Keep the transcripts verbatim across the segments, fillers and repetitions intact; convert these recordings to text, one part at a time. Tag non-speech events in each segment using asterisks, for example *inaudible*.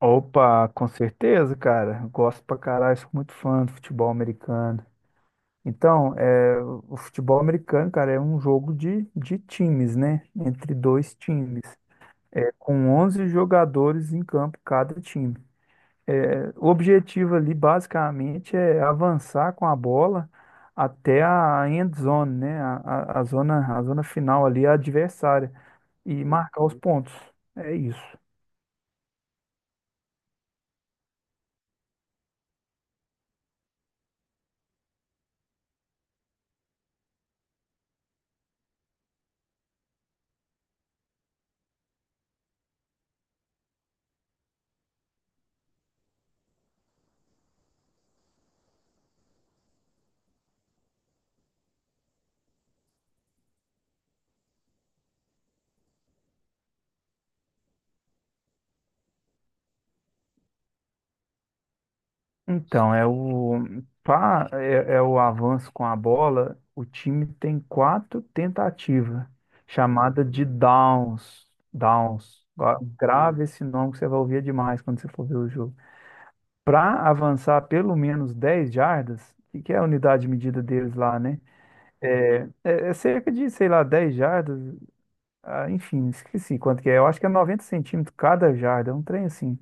Opa, com certeza, cara. Gosto pra caralho, sou muito fã do futebol americano. Então, é, o futebol americano, cara, é um jogo de, de times, né? Entre dois times, é, com onze jogadores em campo cada time. É, o objetivo ali, basicamente, é avançar com a bola até a end zone, né? A, a, a zona, a zona final ali, a adversária, e marcar os pontos. É isso. Então, é o, pá, é, é o avanço com a bola. O time tem quatro tentativas, chamada de downs. Downs. Gra- Grave esse nome que você vai ouvir demais quando você for ver o jogo. Para avançar pelo menos dez jardas, que que é a unidade de medida deles lá, né? É, é, é cerca de, sei lá, dez jardas. Ah, enfim, esqueci quanto que é. Eu acho que é noventa centímetros cada jarda, é um trem assim.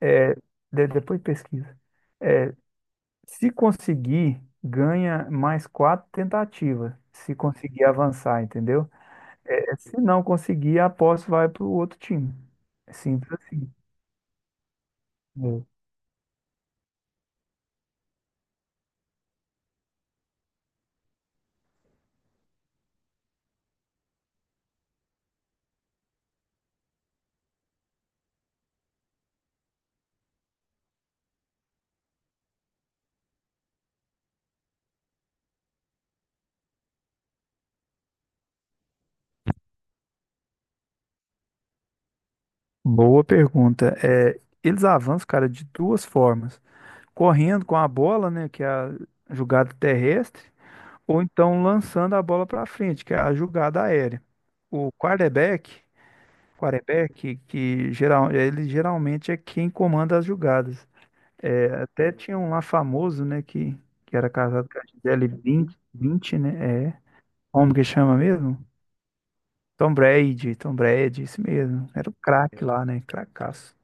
É, de- depois pesquisa. É, se conseguir, ganha mais quatro tentativas. Se conseguir avançar, entendeu? É, se não conseguir, a posse vai para o outro time. É simples assim. É. Boa pergunta. É, eles avançam, cara, de duas formas: correndo com a bola, né, que é a jogada terrestre, ou então lançando a bola para frente, que é a jogada aérea. O quarterback, quarterback que geral, ele geralmente é quem comanda as jogadas. É, até tinha um lá famoso, né, que, que era casado com a Gisele vinte, vinte, né? É. Como que chama mesmo? Tom Brady, Tom Brady, isso mesmo. Era o craque lá, né? Cracaço.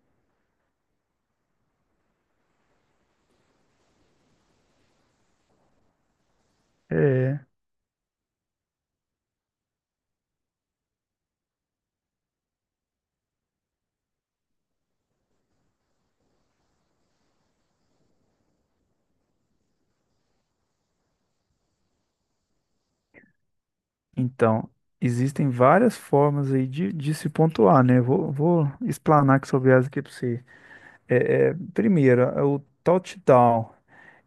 Então, existem várias formas aí de, de se pontuar, né? Vou, vou explanar aqui sobre elas aqui para você. É, é, primeiro, é o touchdown.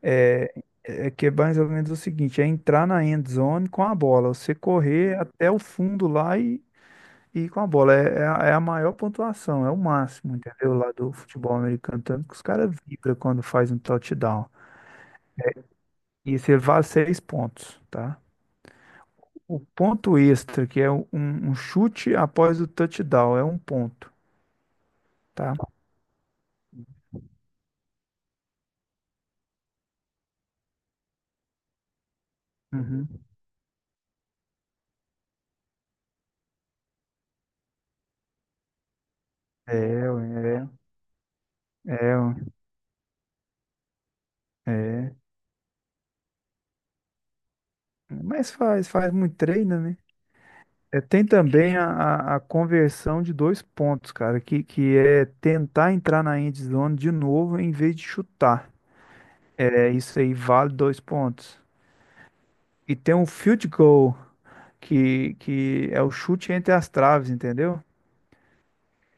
É, é que é mais ou menos o seguinte, é entrar na end zone com a bola. Você correr até o fundo lá e E com a bola, é, é a é a maior pontuação, é o máximo, entendeu? Lá do futebol americano, tanto que os caras vibram quando faz um touchdown. E isso vale seis pontos, tá? O ponto extra, que é um, um um chute após o touchdown, é um ponto, tá? Uhum. É, ué, é, é, ué, é. Mas faz, faz muito treino, né? É, tem também a, a- a conversão de dois pontos, cara, que, que é tentar entrar na end zone de novo em vez de chutar. É isso aí, vale dois pontos. E tem um field goal, que, que é o chute entre as traves, entendeu?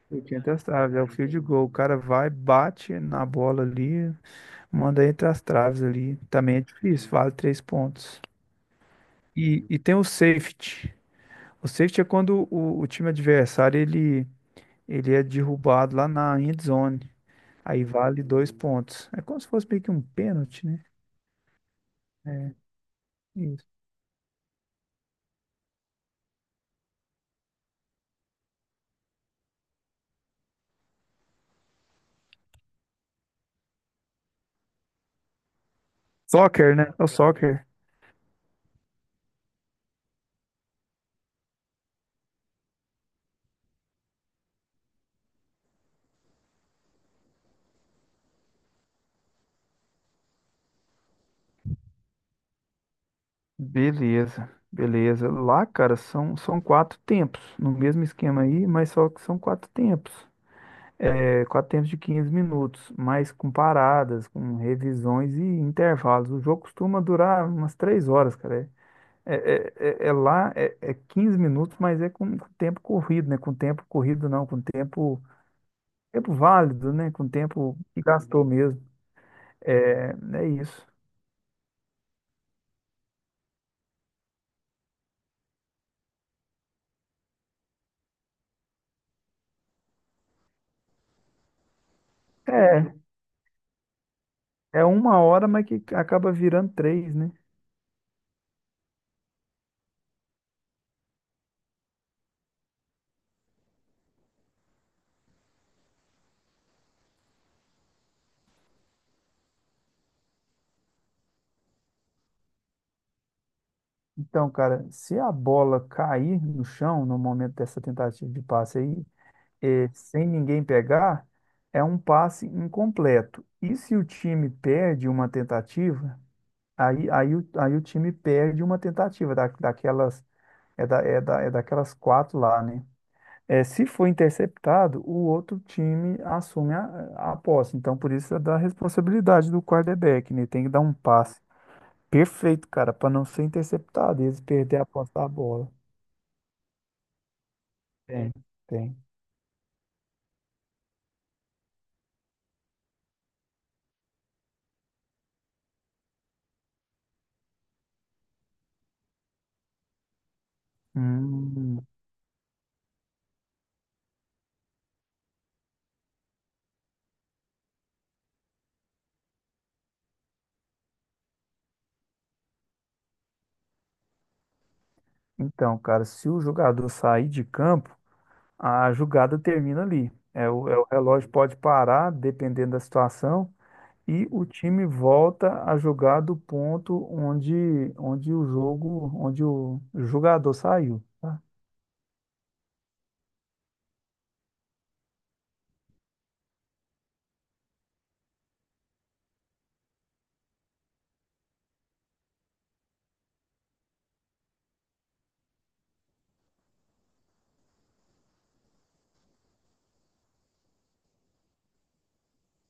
Chute entre as traves, é o field goal. O cara vai, bate na bola ali, manda entre as traves ali. Também é difícil, vale três pontos. E, e tem o safety. O safety é quando o, o time adversário ele, ele é derrubado lá na end zone. Aí vale dois pontos. É como se fosse meio que um pênalti, né? É isso. Soccer, né? É o soccer. Beleza, beleza. Lá, cara, são, são quatro tempos, no mesmo esquema aí, mas só que são quatro tempos. É, quatro tempos de quinze minutos, mas com paradas, com revisões e intervalos. O jogo costuma durar umas três horas, cara. É, é, é- é lá, é, é quinze minutos, mas é com, com tempo corrido, né? Com tempo corrido não, com tempo, tempo válido, né? Com tempo que gastou mesmo. É, é isso. É, é uma hora, mas que acaba virando três, né? Então, cara, se a bola cair no chão no momento dessa tentativa de passe aí, eh, sem ninguém pegar, é um passe incompleto. E se o time perde uma tentativa, aí, aí, o, aí o time perde uma tentativa da, daquelas, é, da, é, da, é daquelas quatro lá, né? Eh, se for interceptado, o outro time assume a, a posse. Então, por isso é da responsabilidade do quarterback, né? Tem que dar um passe perfeito, cara, para não ser interceptado e eles perderem a posse da bola. Tem, tem. Hum, então, cara, se o jogador sair de campo, a jogada termina ali. É, o, é, o relógio pode parar, dependendo da situação, e o time volta a jogar do ponto onde, onde o jogo, onde o jogador saiu, tá?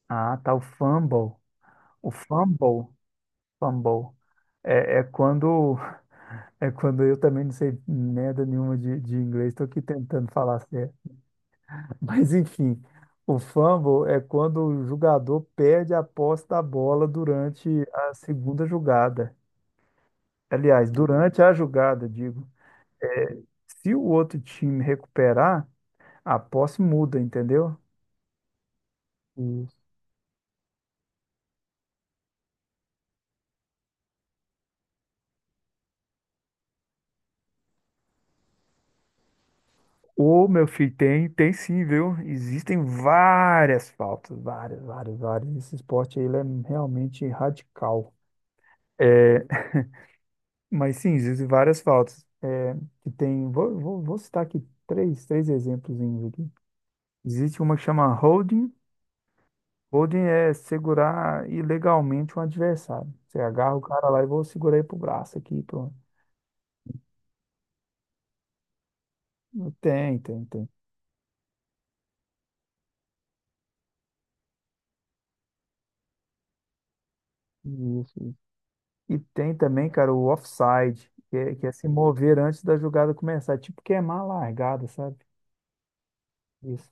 Ah, tá, o fumble. O fumble, fumble. É, é quando *laughs* é quando eu também não sei merda nenhuma de, de inglês, estou aqui tentando falar certo. Mas enfim, o fumble é quando o jogador perde a posse da bola durante a segunda jogada. Aliás, durante a jogada, digo. É, se o outro time recuperar, a posse muda, entendeu? Isso. Ô, meu filho, tem, tem sim, viu? Existem várias faltas, várias, várias, várias. Esse esporte aí, ele é realmente radical. É, mas sim, existem várias faltas. É, que tem, vou, vou, vou citar aqui três, três exemplos aqui. Existe uma que chama holding. Holding é segurar ilegalmente um adversário. Você agarra o cara lá e vou segurar ele pro braço aqui, pronto. Tem, tem, tem. Isso, isso. E tem também, cara, o offside, que é, que é se mover antes da jogada começar, tipo queimar a largada, sabe? Isso.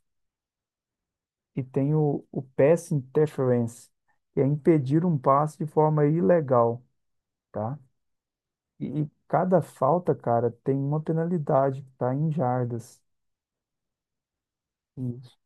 E tem o, o pass interference, que é impedir um passe de forma ilegal, tá? E, e cada falta, cara, tem uma penalidade, tá? Em jardas. Isso.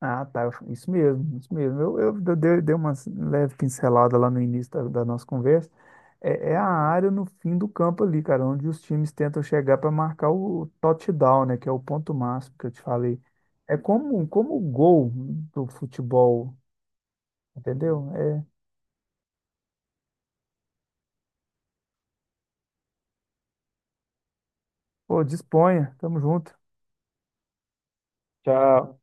Ah, tá. eu- Isso mesmo, isso mesmo. Eu, eu de- dei, dei uma leve pincelada lá no início da, da nossa conversa. É, é a área no fim do campo ali, cara, onde os times tentam chegar para marcar o touchdown, né? Que é o ponto máximo que eu te falei. É como, como o gol do futebol, entendeu? É, pô, disponha. Tamo junto. Tchau.